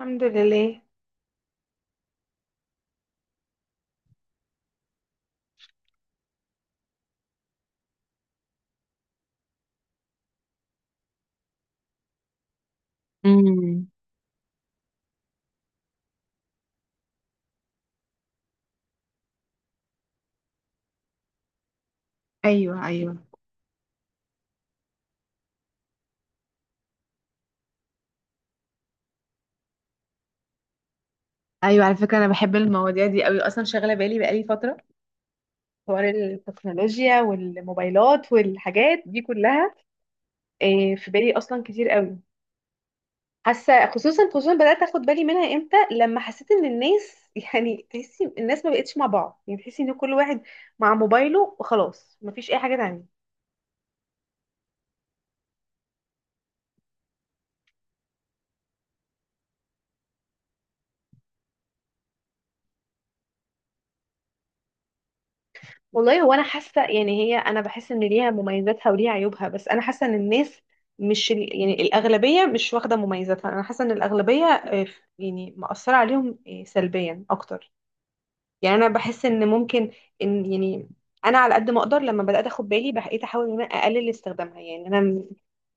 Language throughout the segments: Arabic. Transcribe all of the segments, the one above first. الحمد لله. امم. ايوه، ايوه، ايوه، على فكره، انا بحب المواضيع دي قوي اصلا، شاغله بالي بقالي فتره، حوار التكنولوجيا والموبايلات والحاجات دي كلها. إيه، في بالي اصلا كتير قوي. حاسه، خصوصا خصوصا بدات اخد بالي منها امتى، لما حسيت ان الناس يعني تحسي الناس ما بقتش مع بعض، يعني تحسي ان كل واحد مع موبايله وخلاص، مفيش اي حاجه تانية. والله هو انا حاسه، يعني هي، انا بحس ان ليها مميزاتها وليها عيوبها، بس انا حاسه ان الناس مش يعني الاغلبيه مش واخده مميزاتها، انا حاسه ان الاغلبيه، يعني مأثره عليهم سلبيا اكتر. يعني انا بحس ان ممكن، ان يعني، انا على قد ما اقدر لما بدات اخد بالي بقيت احاول ان انا اقلل استخدامها، يعني انا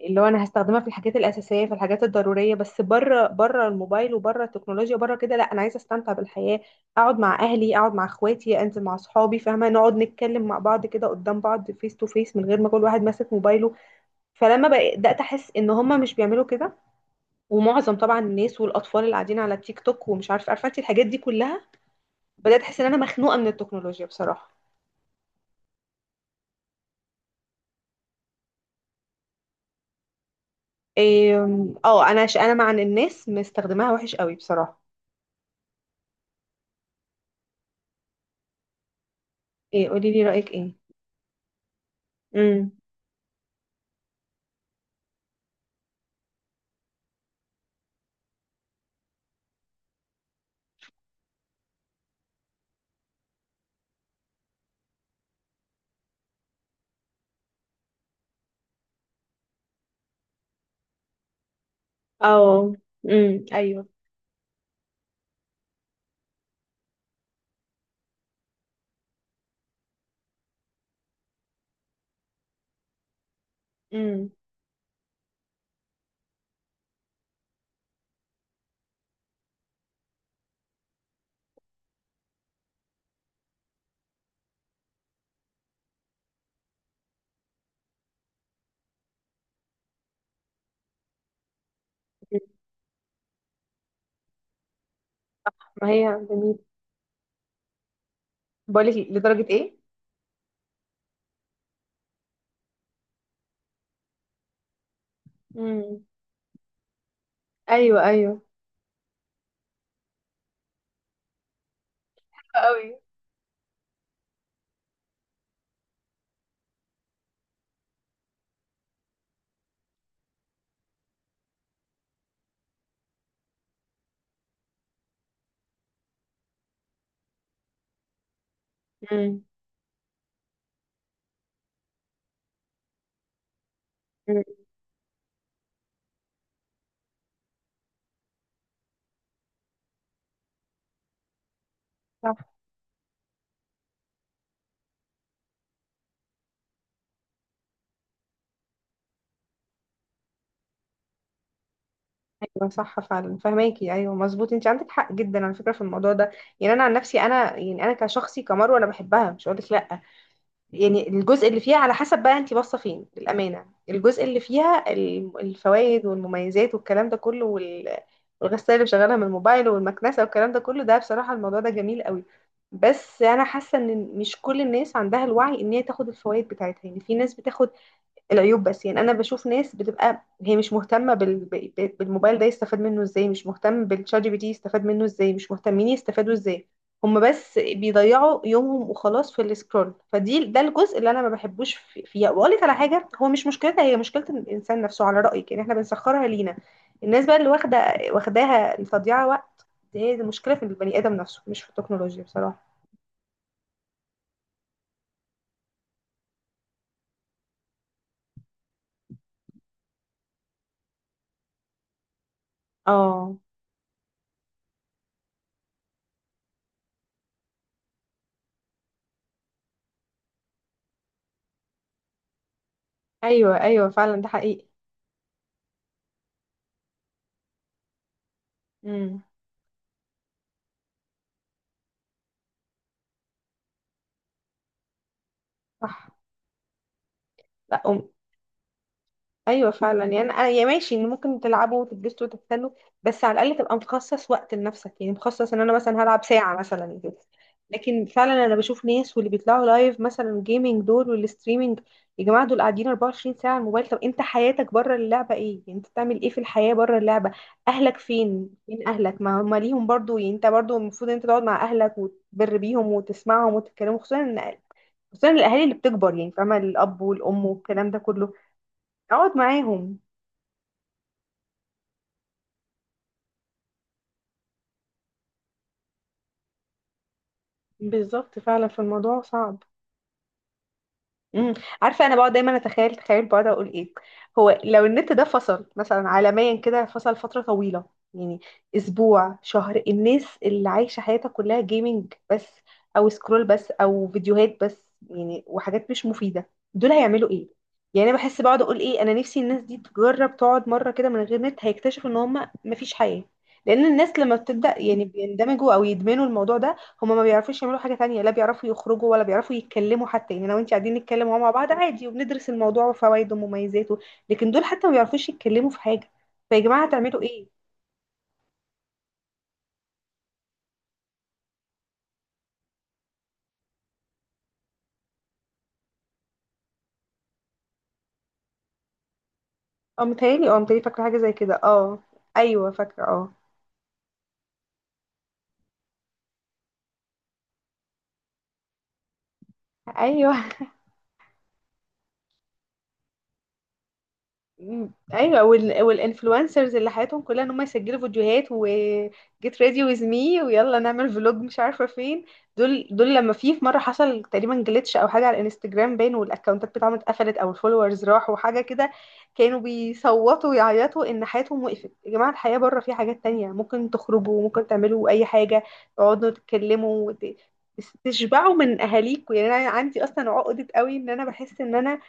اللي هو انا هستخدمها في الحاجات الاساسيه، في الحاجات الضروريه بس، بره بره الموبايل وبره التكنولوجيا بره كده، لا انا عايزه استمتع بالحياه، اقعد مع اهلي، اقعد مع اخواتي، انزل مع اصحابي، فاهمه، نقعد نتكلم مع بعض كده قدام بعض، فيس تو فيس، من غير ما كل واحد ماسك موبايله. فلما بدات احس ان هم مش بيعملوا كده، ومعظم طبعا الناس والاطفال اللي قاعدين على تيك توك، ومش عارفه عارفه انت الحاجات دي كلها. بدأت أحس إن أنا مخنوقة من التكنولوجيا بصراحة. إيه، أنا أنا مع إن الناس مستخدماها وحش قوي بصراحة. إيه قولي لي رأيك إيه. امم. اه. امم. أيوه. امم. ما هي جميل. بقولك لدرجة إيه. امم. أيوه، أيوه قوي. امم. أمم. صح. ايوه صح، فعلا فهماكي، ايوه مظبوط، انت عندك حق جدا على فكره في الموضوع ده. يعني انا عن نفسي، انا يعني انا كشخصي كمروه، انا بحبها مش هقول لك لا. يعني الجزء اللي فيها على حسب بقى انت باصه فين، للامانه الجزء اللي فيها الفوائد والمميزات والكلام ده كله والغساله اللي شغالها من الموبايل والمكنسه والكلام ده كله، ده بصراحه الموضوع ده جميل قوي. بس انا حاسه ان مش كل الناس عندها الوعي ان هي تاخد الفوائد بتاعتها، يعني في ناس بتاخد العيوب بس، يعني انا بشوف ناس بتبقى هي مش مهتمه بالموبايل ده يستفاد منه ازاي، مش مهتم بالشات جي بي تي يستفاد منه ازاي، مش مهتمين يستفادوا ازاي. هم بس بيضيعوا يومهم وخلاص في السكرول، فدي، ده الجزء اللي انا ما بحبوش فيها. واقول لك على حاجه، هو مش مشكلتها هي، مشكله الانسان نفسه، على رايك يعني احنا بنسخرها لينا. الناس بقى اللي واخداها لتضييع وقت، دي هي المشكله في البني ادم نفسه، مش في التكنولوجيا بصراحه. اه، ايوه ايوه فعلا ده حقيقي. امم. صح. لا، ايوه فعلا، يعني انا يا ماشي ان ممكن تلعبوا وتتبسطوا وتستنوا، بس على الاقل تبقى مخصص وقت لنفسك، يعني مخصص ان انا مثلا هلعب ساعه مثلا كده. لكن فعلا انا بشوف ناس واللي بيطلعوا لايف مثلا جيمنج دول والستريمنج، يا جماعه دول قاعدين 24 ساعه على الموبايل، طب انت حياتك بره اللعبه ايه، يعني انت بتعمل ايه في الحياه بره اللعبه، اهلك فين، فين اهلك، ما هم ليهم برضو، يعني انت برضو المفروض ان انت تقعد مع اهلك وتبر بيهم وتسمعهم وتتكلموا، خصوصا ان خصوصا الاهالي اللي بتكبر يعني، فاهمه الاب والام والكلام ده كله، اقعد معاهم. بالظبط فعلا، في الموضوع صعب. امم عارفه انا بقعد دايما اتخيل، تخيل بقعد اقول ايه، هو لو النت ده فصل مثلا عالميا كده، فصل فتره طويله، يعني اسبوع، شهر، الناس اللي عايشه حياتها كلها جيمنج بس، او سكرول بس، او فيديوهات بس، يعني وحاجات مش مفيده، دول هيعملوا ايه؟ يعني انا بحس، بقعد اقول ايه، انا نفسي الناس دي تجرب تقعد مره كده من غير نت، هيكتشفوا ان هم مفيش حياه. لان الناس لما بتبدا يعني بيندمجوا او يدمنوا الموضوع ده، هما ما بيعرفوش يعملوا حاجة تانية، لا بيعرفوا يخرجوا ولا بيعرفوا يتكلموا حتى. يعني لو انت قاعدين نتكلم وهو مع بعض عادي وبندرس الموضوع وفوائده ومميزاته، لكن دول حتى ما بيعرفوش يتكلموا في حاجة. فيا جماعة هتعملوا ايه؟ اه متهيألي، اه متهيألي، فاكرة حاجة زي كده، اه، ايوه فاكرة، اه، ايوه. مم. ايوه والانفلونسرز اللي حياتهم كلها ان هم يسجلوا فيديوهات و get ready with me، ويلا نعمل فلوج، مش عارفه فين. دول، لما في مره حصل تقريبا جلitch او حاجه على الانستجرام باين، والاكونتات بتاعهم اتقفلت او الفولورز راحوا حاجه كده، كانوا بيصوتوا ويعيطوا ان حياتهم وقفت. يا جماعه، الحياه بره في حاجات تانية، ممكن تخرجوا، ممكن تعملوا اي حاجه، تقعدوا تتكلموا تشبعوا من اهاليكوا. يعني انا عندي اصلا عقده قوي ان انا بحس ان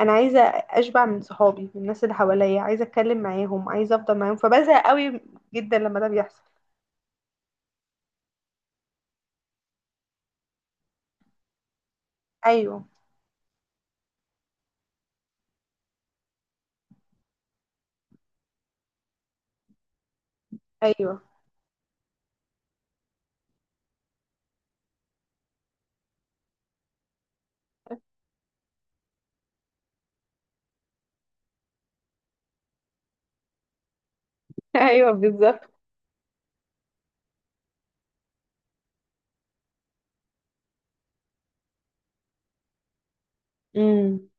انا عايزه اشبع من صحابي، من الناس اللي حواليا، عايزه اتكلم معاهم، عايزه افضل معاهم، فبزهق قوي جدا لما ده بيحصل. ايوه ايوه. ايوه بالظبط. امم.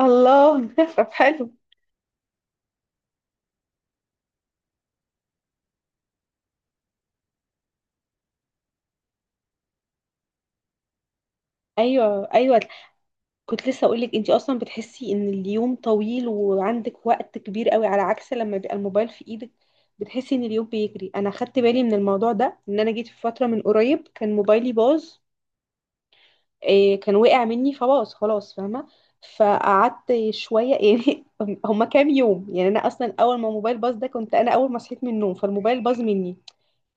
الله. طب حلو. ايوه ايوه، كنت لسه اقول لك انت اصلا بتحسي ان اليوم طويل وعندك وقت كبير قوي، على عكس لما بيبقى الموبايل في ايدك بتحسي ان اليوم بيجري. انا خدت بالي من الموضوع ده، ان انا جيت في فتره من قريب كان موبايلي باظ. إيه كان وقع مني فباظ خلاص، فاهمة، فقعدت شوية يعني هما كام يوم. يعني أنا أصلا أول ما موبايل باظ ده كنت أنا أول ما صحيت من النوم فالموبايل باظ مني،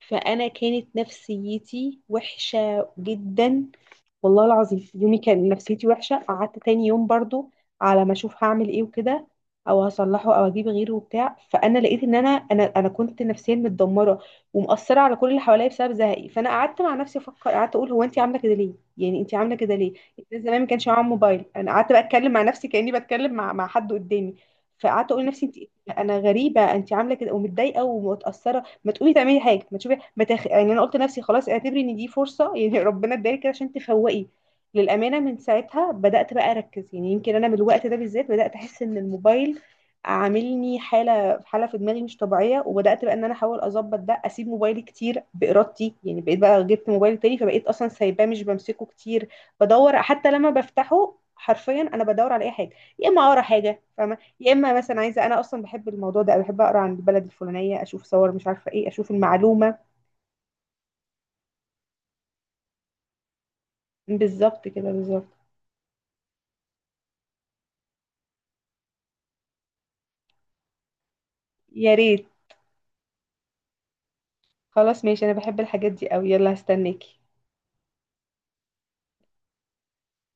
فانا كانت نفسيتي وحشه جدا والله العظيم. يومي كان نفسيتي وحشه، قعدت تاني يوم برضو على ما اشوف هعمل ايه وكده، او هصلحه او اجيب غيره وبتاع، فانا لقيت ان انا كنت نفسيا متدمره ومأثره على كل اللي حواليا بسبب زهقي. فانا قعدت مع نفسي افكر، قعدت اقول هو انت عامله كده ليه، يعني انت عامله كده ليه، الناس زمان ما كانش معاهم موبايل، انا قعدت بقى اتكلم مع نفسي كاني بتكلم مع حد قدامي، فقعدت اقول لنفسي انت انا غريبه، انت عامله كده ومتضايقه ومتاثره، ما تقومي تعملي حاجه، ما تشوفي، ما تخ... يعني انا قلت لنفسي خلاص اعتبري ان دي فرصه يعني ربنا ادالك كده عشان تفوقي. للامانه من ساعتها بدات بقى اركز، يعني يمكن انا من الوقت ده بالذات بدات احس ان الموبايل عاملني حاله حاله في دماغي مش طبيعيه، وبدات بقى ان انا احاول اظبط ده، اسيب موبايلي كتير بارادتي، يعني بقيت بقى جبت موبايل تاني فبقيت اصلا سايباه مش بمسكه كتير. بدور، حتى لما بفتحه حرفيا انا بدور على اي حاجه، يا اما اقرا حاجه فاهمه، يا اما مثلا عايزه انا اصلا بحب الموضوع ده أوي، بحب اقرا عن البلد الفلانيه اشوف صور مش عارفه ايه، اشوف المعلومه. بالظبط كده بالظبط. يا ريت، خلاص ماشي انا بحب الحاجات دي قوي، يلا هستناكي.